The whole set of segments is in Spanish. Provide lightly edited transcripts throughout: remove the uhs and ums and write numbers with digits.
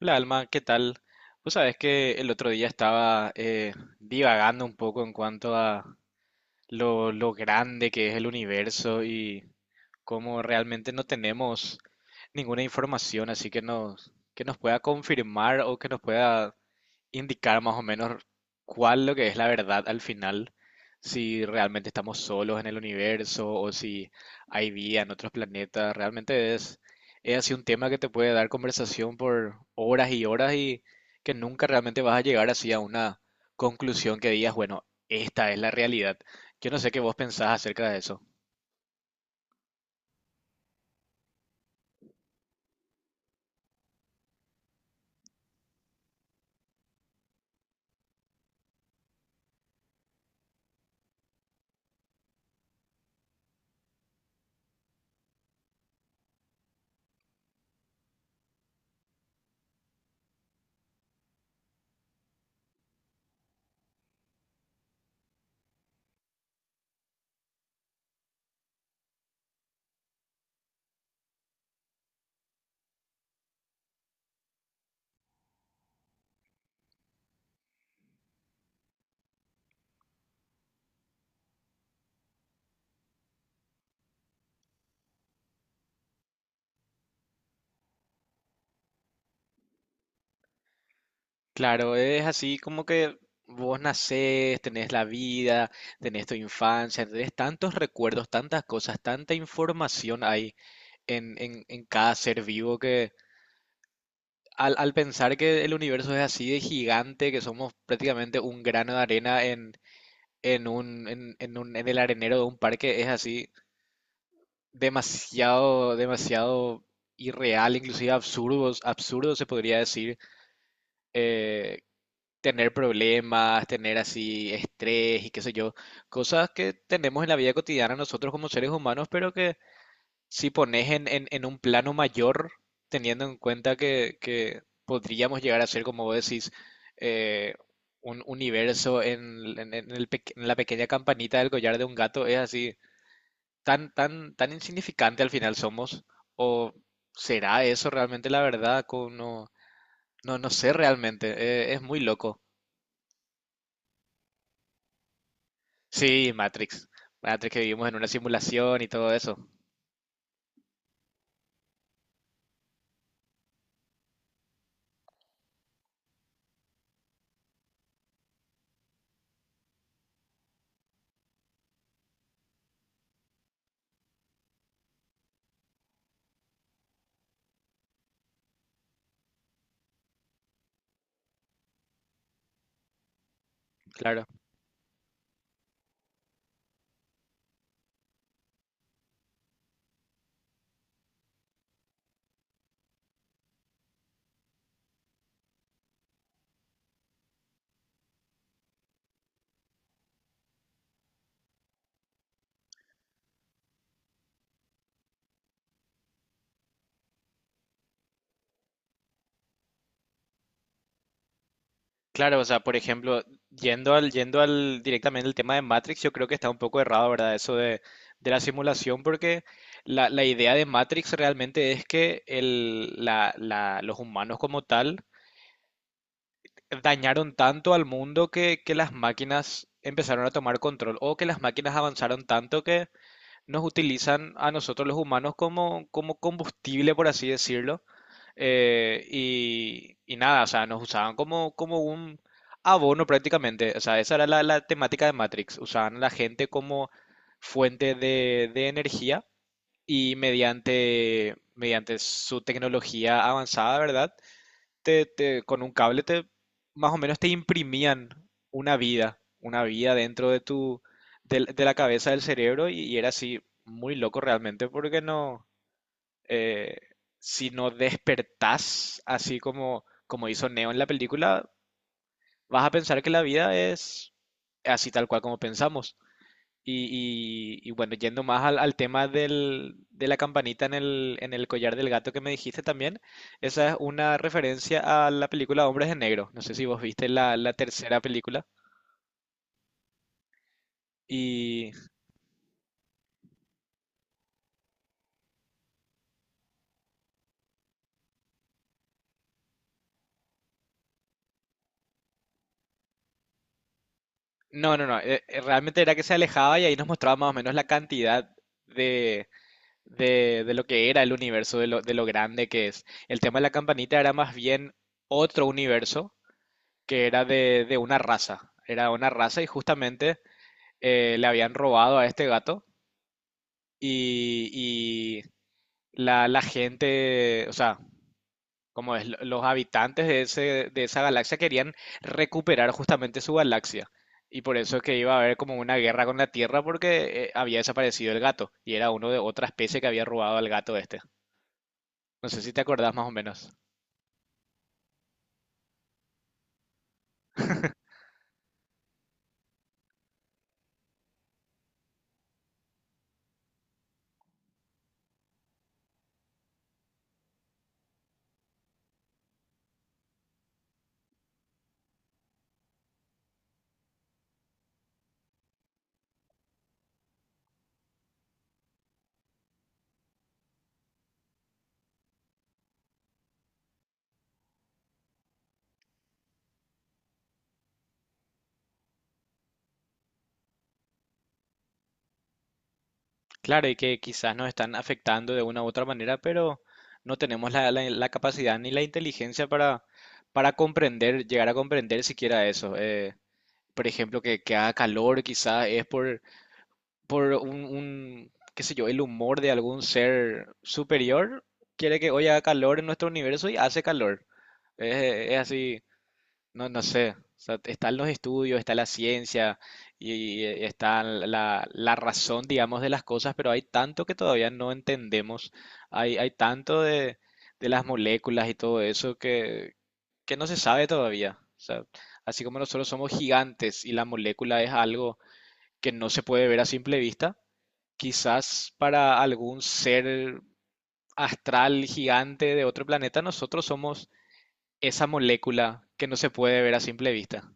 Hola Alma, ¿qué tal? Vos sabés que el otro día estaba divagando un poco en cuanto a lo grande que es el universo y cómo realmente no tenemos ninguna información así que que nos pueda confirmar o que nos pueda indicar más o menos cuál lo que es la verdad al final, si realmente estamos solos en el universo o si hay vida en otros planetas. Realmente es así un tema que te puede dar conversación por horas y horas y que nunca realmente vas a llegar así a una conclusión que digas, bueno, esta es la realidad. Yo no sé qué vos pensás acerca de eso. Claro, es así como que vos nacés, tenés la vida, tenés tu infancia, tenés tantos recuerdos, tantas cosas, tanta información ahí en cada ser vivo que al pensar que el universo es así de gigante, que somos prácticamente un grano de arena en el arenero de un parque, es así demasiado, demasiado irreal, inclusive absurdo, absurdo se podría decir eh, tener problemas, tener así estrés y qué sé yo, cosas que tenemos en la vida cotidiana nosotros como seres humanos, pero que si pones en un plano mayor, teniendo en cuenta que podríamos llegar a ser, como vos decís, eh, un universo en la pequeña campanita del collar de un gato, es así, tan, tan, tan insignificante al final somos, o será eso realmente la verdad, no, no, no sé realmente, es muy loco. Sí, Matrix. Matrix que vivimos en una simulación y todo eso. Claro. Claro, o sea, por ejemplo, yendo al directamente el tema de Matrix, yo creo que está un poco errado, ¿verdad? Eso de la simulación, porque la idea de Matrix realmente es que los humanos como tal dañaron tanto al mundo que las máquinas empezaron a tomar control, o que las máquinas avanzaron tanto que nos utilizan a nosotros los humanos como combustible, por así decirlo. Y nada, o sea, nos usaban como un abono prácticamente. O sea, esa era la temática de Matrix. Usaban a la gente como fuente de energía y mediante su tecnología avanzada, ¿verdad? Con un cable te, más o menos te imprimían una vida dentro de la cabeza del cerebro y era así muy loco realmente porque no eh, si no despertás así como hizo Neo en la película, vas a pensar que la vida es así tal cual como pensamos. Y bueno, yendo más al tema de la campanita en el collar del gato que me dijiste también, esa es una referencia a la película Hombres de Negro. No sé si vos viste la tercera película. Y no, no, no, realmente era que se alejaba y ahí nos mostraba más o menos la cantidad de, de lo que era el universo, de lo grande que es. El tema de la campanita era más bien otro universo que era de una raza. Era una raza y justamente le habían robado a este gato y la gente, o sea, como es, los habitantes de esa galaxia querían recuperar justamente su galaxia. Y por eso es que iba a haber como una guerra con la Tierra porque había desaparecido el gato y era uno de otra especie que había robado al gato este. No sé si te acordás más o menos. Claro, y que quizás nos están afectando de una u otra manera, pero no tenemos la capacidad ni la inteligencia para comprender, llegar a comprender siquiera eso. Por ejemplo, que haga calor, quizás es por un, qué sé yo, el humor de algún ser superior. Quiere que hoy haga calor en nuestro universo y hace calor. Es así. No, no sé. O sea, están los estudios, está la ciencia y está la razón, digamos, de las cosas, pero hay tanto que todavía no entendemos. Hay tanto de las moléculas y todo eso que no se sabe todavía. O sea, así como nosotros somos gigantes y la molécula es algo que no se puede ver a simple vista, quizás para algún ser astral gigante de otro planeta, nosotros somos esa molécula que no se puede ver a simple vista.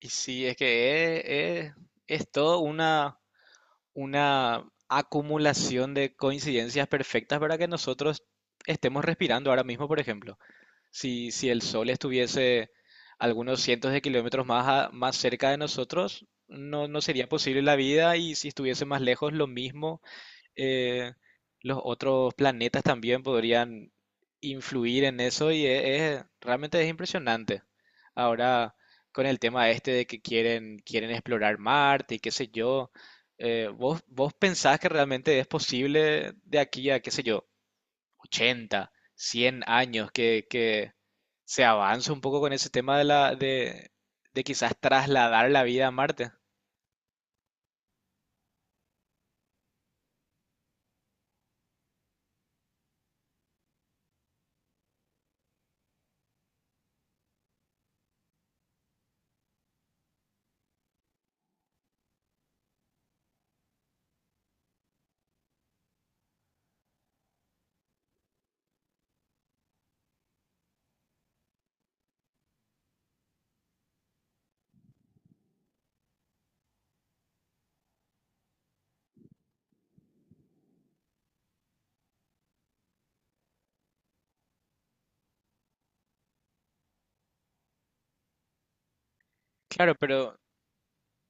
Y sí, es que es, es- es todo una acumulación de coincidencias perfectas para que nosotros estemos respirando ahora mismo, por ejemplo. Si el sol estuviese algunos cientos de kilómetros más, más cerca de nosotros, no, no sería posible la vida y si estuviese más lejos, lo mismo. eh, los otros planetas también podrían influir en eso y es, realmente es impresionante. Ahora, con el tema este de que quieren explorar Marte y qué sé yo, ¿vos pensás que realmente es posible de aquí a, qué sé yo, 80 100 años que se avance un poco con ese tema de quizás trasladar la vida a Marte? Claro, pero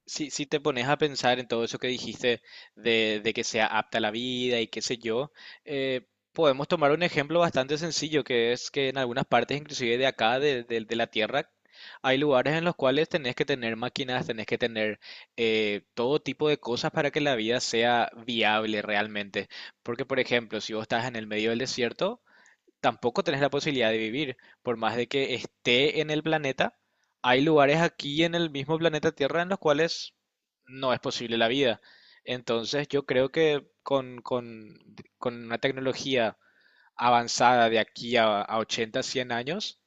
si te pones a pensar en todo eso que dijiste de que sea apta a la vida y qué sé yo, eh, podemos tomar un ejemplo bastante sencillo, que es que en algunas partes, inclusive de acá, de la Tierra, hay lugares en los cuales tenés que tener máquinas, tenés que tener todo tipo de cosas para que la vida sea viable realmente. Porque, por ejemplo, si vos estás en el medio del desierto, tampoco tenés la posibilidad de vivir. Por más de que esté en el planeta, hay lugares aquí en el mismo planeta Tierra en los cuales no es posible la vida. Entonces yo creo que con una tecnología avanzada de aquí a, 80, 100 años,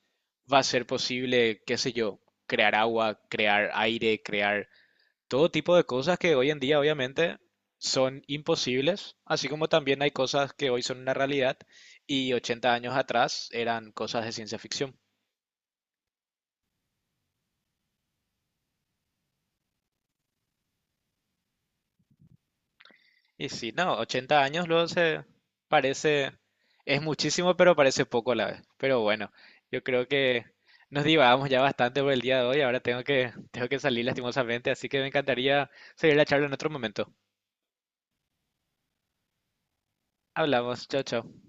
va a ser posible, qué sé yo, crear agua, crear aire, crear todo tipo de cosas que hoy en día obviamente son imposibles, así como también hay cosas que hoy son una realidad y 80 años atrás eran cosas de ciencia ficción. Y sí, no, 80 años luego se parece, es muchísimo, pero parece poco a la vez. Pero bueno, yo creo que nos divagamos ya bastante por el día de hoy, ahora tengo que salir lastimosamente, así que me encantaría seguir la charla en otro momento. Hablamos, chao, chao.